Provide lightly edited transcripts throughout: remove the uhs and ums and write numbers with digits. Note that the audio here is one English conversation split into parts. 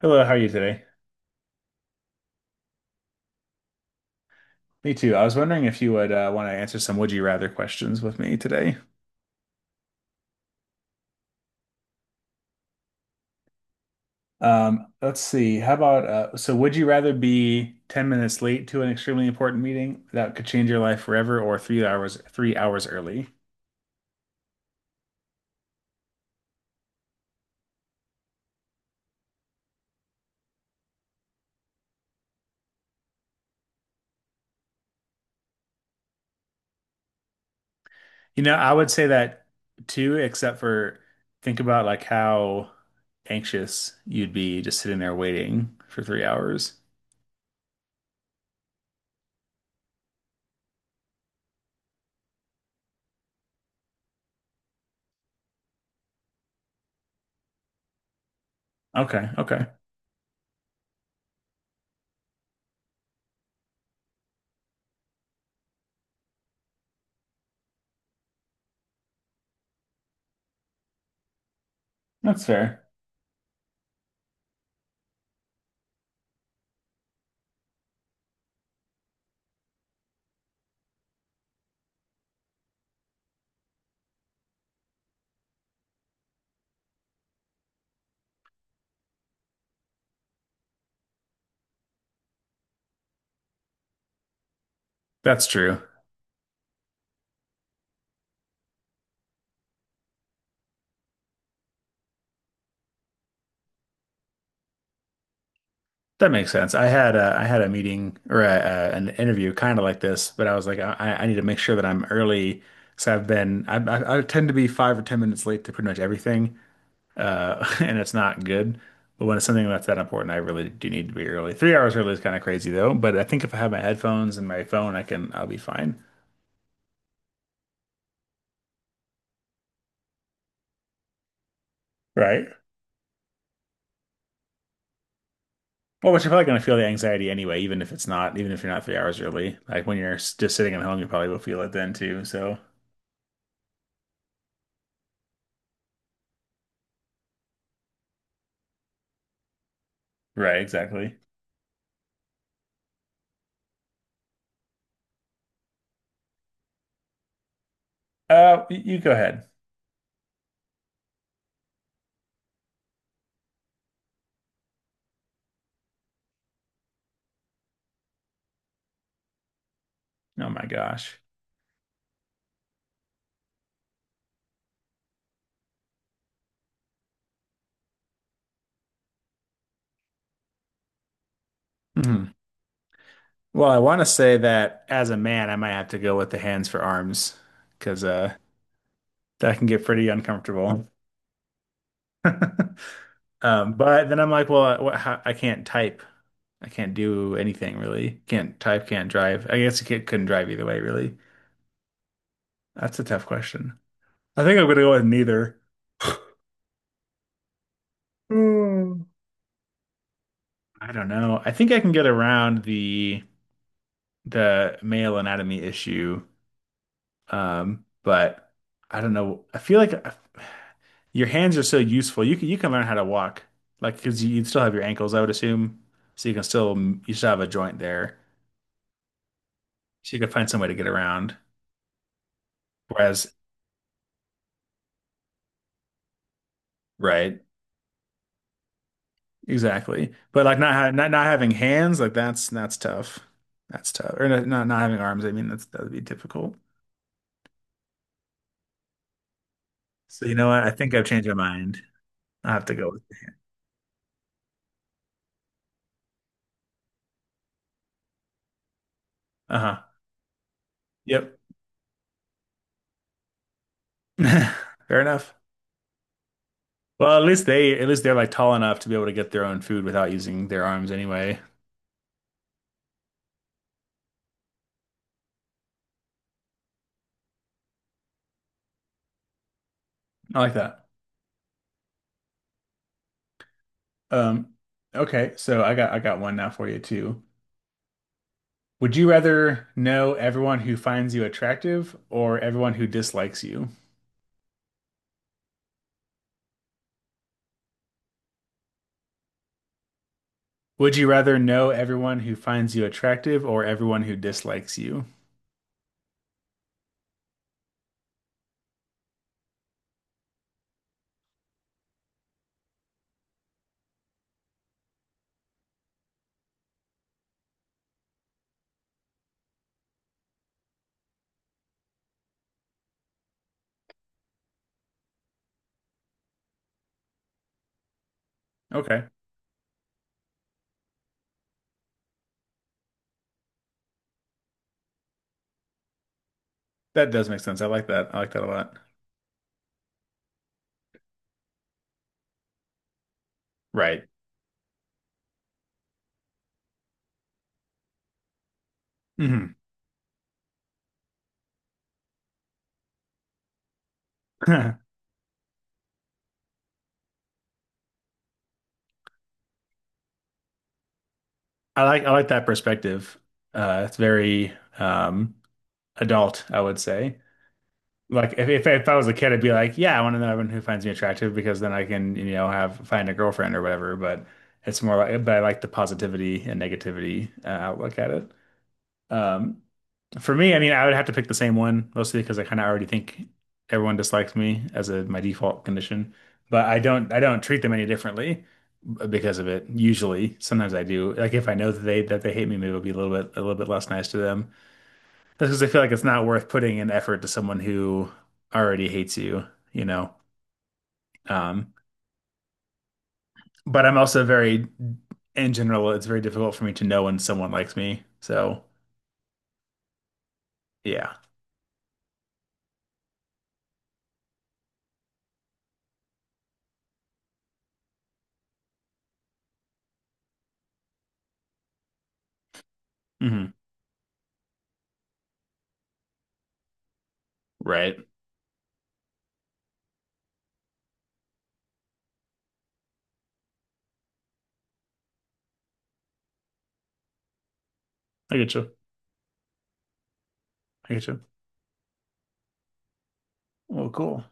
Hello, how are you today? Me too. I was wondering if you would want to answer some would you rather questions with me today. Let's see. How about so would you rather be 10 minutes late to an extremely important meeting that could change your life forever or three hours early? I would say that too, except for think about like how anxious you'd be just sitting there waiting for 3 hours. Okay, okay. That's fair. That's true. That makes sense. I had a meeting or an interview kind of like this, but I was like, I need to make sure that I'm early. So I've been I tend to be 5 or 10 minutes late to pretty much everything, and it's not good. But when it's something that's that important, I really do need to be early. 3 hours early is kind of crazy though, but I think if I have my headphones and my phone, I'll be fine. Right. Well, but you're probably gonna feel the anxiety anyway, even if it's not, even if you're not 3 hours early. Like when you're just sitting at home, you probably will feel it then too. So, right, exactly. You go ahead. Oh my gosh. Hmm. Well, I want to say that as a man, I might have to go with the hands for arms because that can get pretty uncomfortable. But then I'm like, well, what, how, I can't type. I can't do anything really. Can't type, can't drive. I guess you can couldn't drive either way, really. That's a tough question. I think I'm gonna go with neither. Hmm. I don't know. I think I can get around the male anatomy issue. But I don't know. I feel like your hands are so useful. You can learn how to walk, like because you'd still have your ankles, I would assume. So you can still you still have a joint there, so you can find some way to get around. Whereas, right, exactly. But like not ha not not having hands, like that's tough. That's tough. Or not having arms. I mean, that would be difficult. So you know what? I think I've changed my mind. I have to go with. Uh-huh. Yep. Fair enough. Well, at least they're like tall enough to be able to get their own food without using their arms anyway. I like that. Um, okay, so I got one now for you too. Would you rather know everyone who finds you attractive or everyone who dislikes you? Would you rather know everyone who finds you attractive or everyone who dislikes you? Okay, that does make sense. I like that. I like that a lot. Right. Hmm. I I like that perspective. It's very um, adult, I would say. Like if I was a kid, I'd be like, yeah, I want to know everyone who finds me attractive because then I can, you know, have find a girlfriend or whatever. But it's more like, but I like the positivity and negativity outlook at it. Um, for me, I mean, I would have to pick the same one mostly because I kind of already think everyone dislikes me as a my default condition. But I don't treat them any differently because of it. Usually, sometimes I do. Like if I know that they hate me, maybe it'll be a little bit less nice to them. That's because I feel like it's not worth putting an effort to someone who already hates you, you know. Um, but I'm also very, in general, it's very difficult for me to know when someone likes me. So yeah. Hmm. Right. I get you. I get you. Well, cool.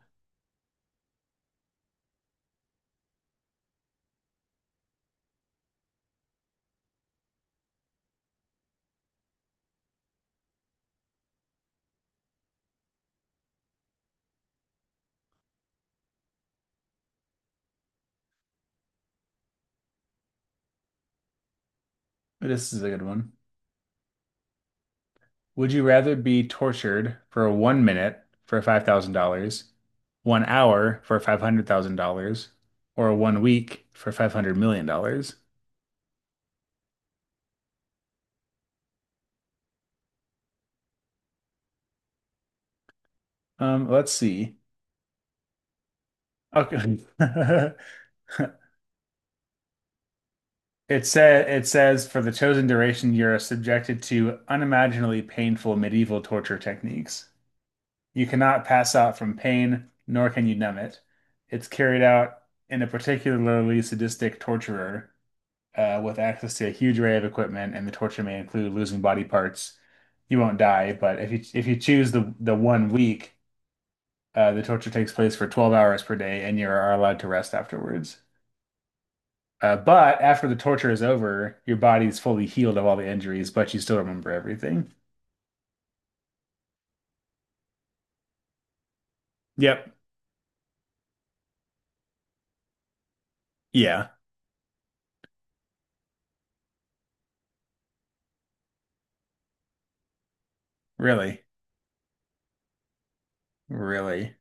This is a good one. Would you rather be tortured for one minute for $5,000, one hour for $500,000, or one week for $500 million dollars? Let's see. Okay. It says for the chosen duration, you're subjected to unimaginably painful medieval torture techniques. You cannot pass out from pain, nor can you numb it. It's carried out in a particularly sadistic torturer with access to a huge array of equipment, and the torture may include losing body parts. You won't die, but if you choose the one week, the torture takes place for 12 hours per day, and you are allowed to rest afterwards. But after the torture is over, your body's fully healed of all the injuries, but you still remember everything. Yep. Yeah. Really. Really.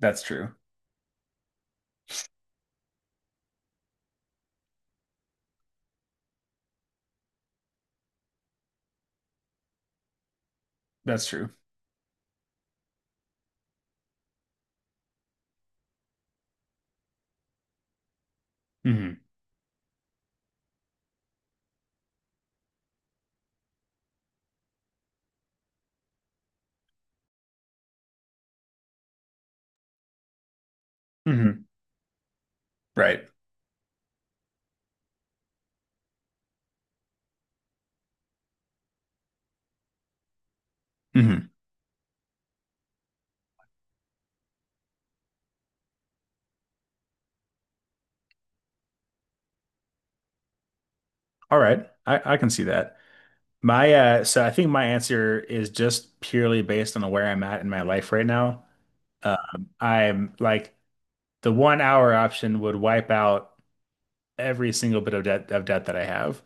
That's true. That's true. Hmm. Hmm. Right. Hmm. All right. I can see that. My So I think my answer is just purely based on where I'm at in my life right now. I'm like the one hour option would wipe out every single bit of debt that I have.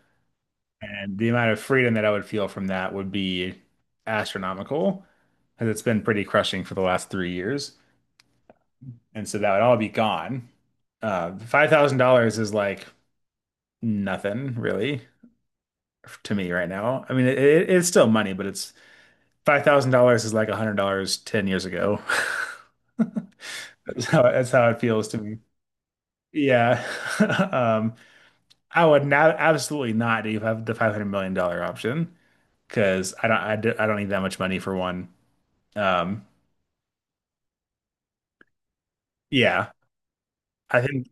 And the amount of freedom that I would feel from that would be astronomical, because it's been pretty crushing for the last 3 years. And so that would all be gone. $5,000 is like nothing really to me right now. I mean, it's still money, but it's $5,000 is like $100 10 years ago. That's how it feels to me. Yeah. Um, I would now absolutely not do have the $500 million dollar option because I don't need that much money for one. Um, Yeah. I think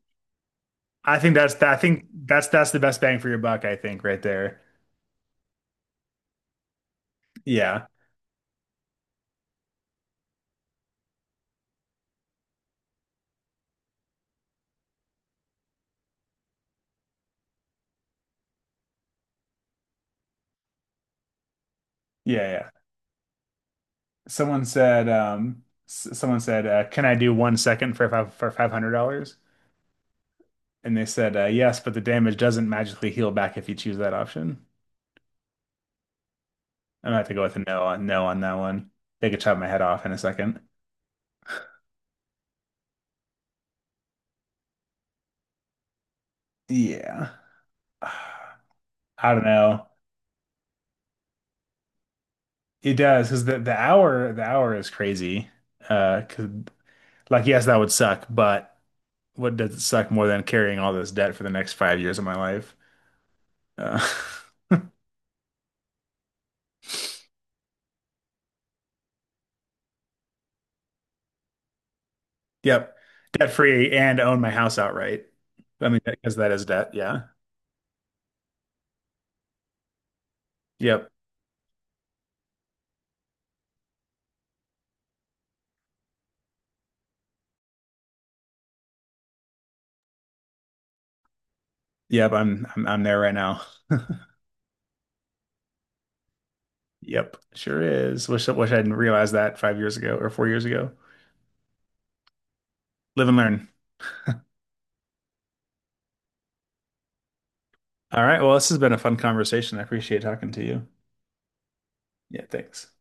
I think that's the best bang for your buck, I think, right there. Yeah. Yeah, yeah. Someone said "Can I do one second for $500?" And they said, "Yes, but the damage doesn't magically heal back if you choose that option." I'm gonna have to go with a no on no on that one. They could chop my head off in a second. Yeah. I don't know. It does because the hour is crazy. Uh, 'cause- like yes, that would suck, but what does it suck more than carrying all this debt for the next 5 years of my life? Uh, yep. Debt free and own my house outright. I mean, because that is debt. Yeah. Yep. Yep. I'm there right now. Yep. Sure is. Wish I didn't realize that 5 years ago or 4 years ago. Live and learn. All right. Well, this has been a fun conversation. I appreciate talking to you. Yeah. Thanks.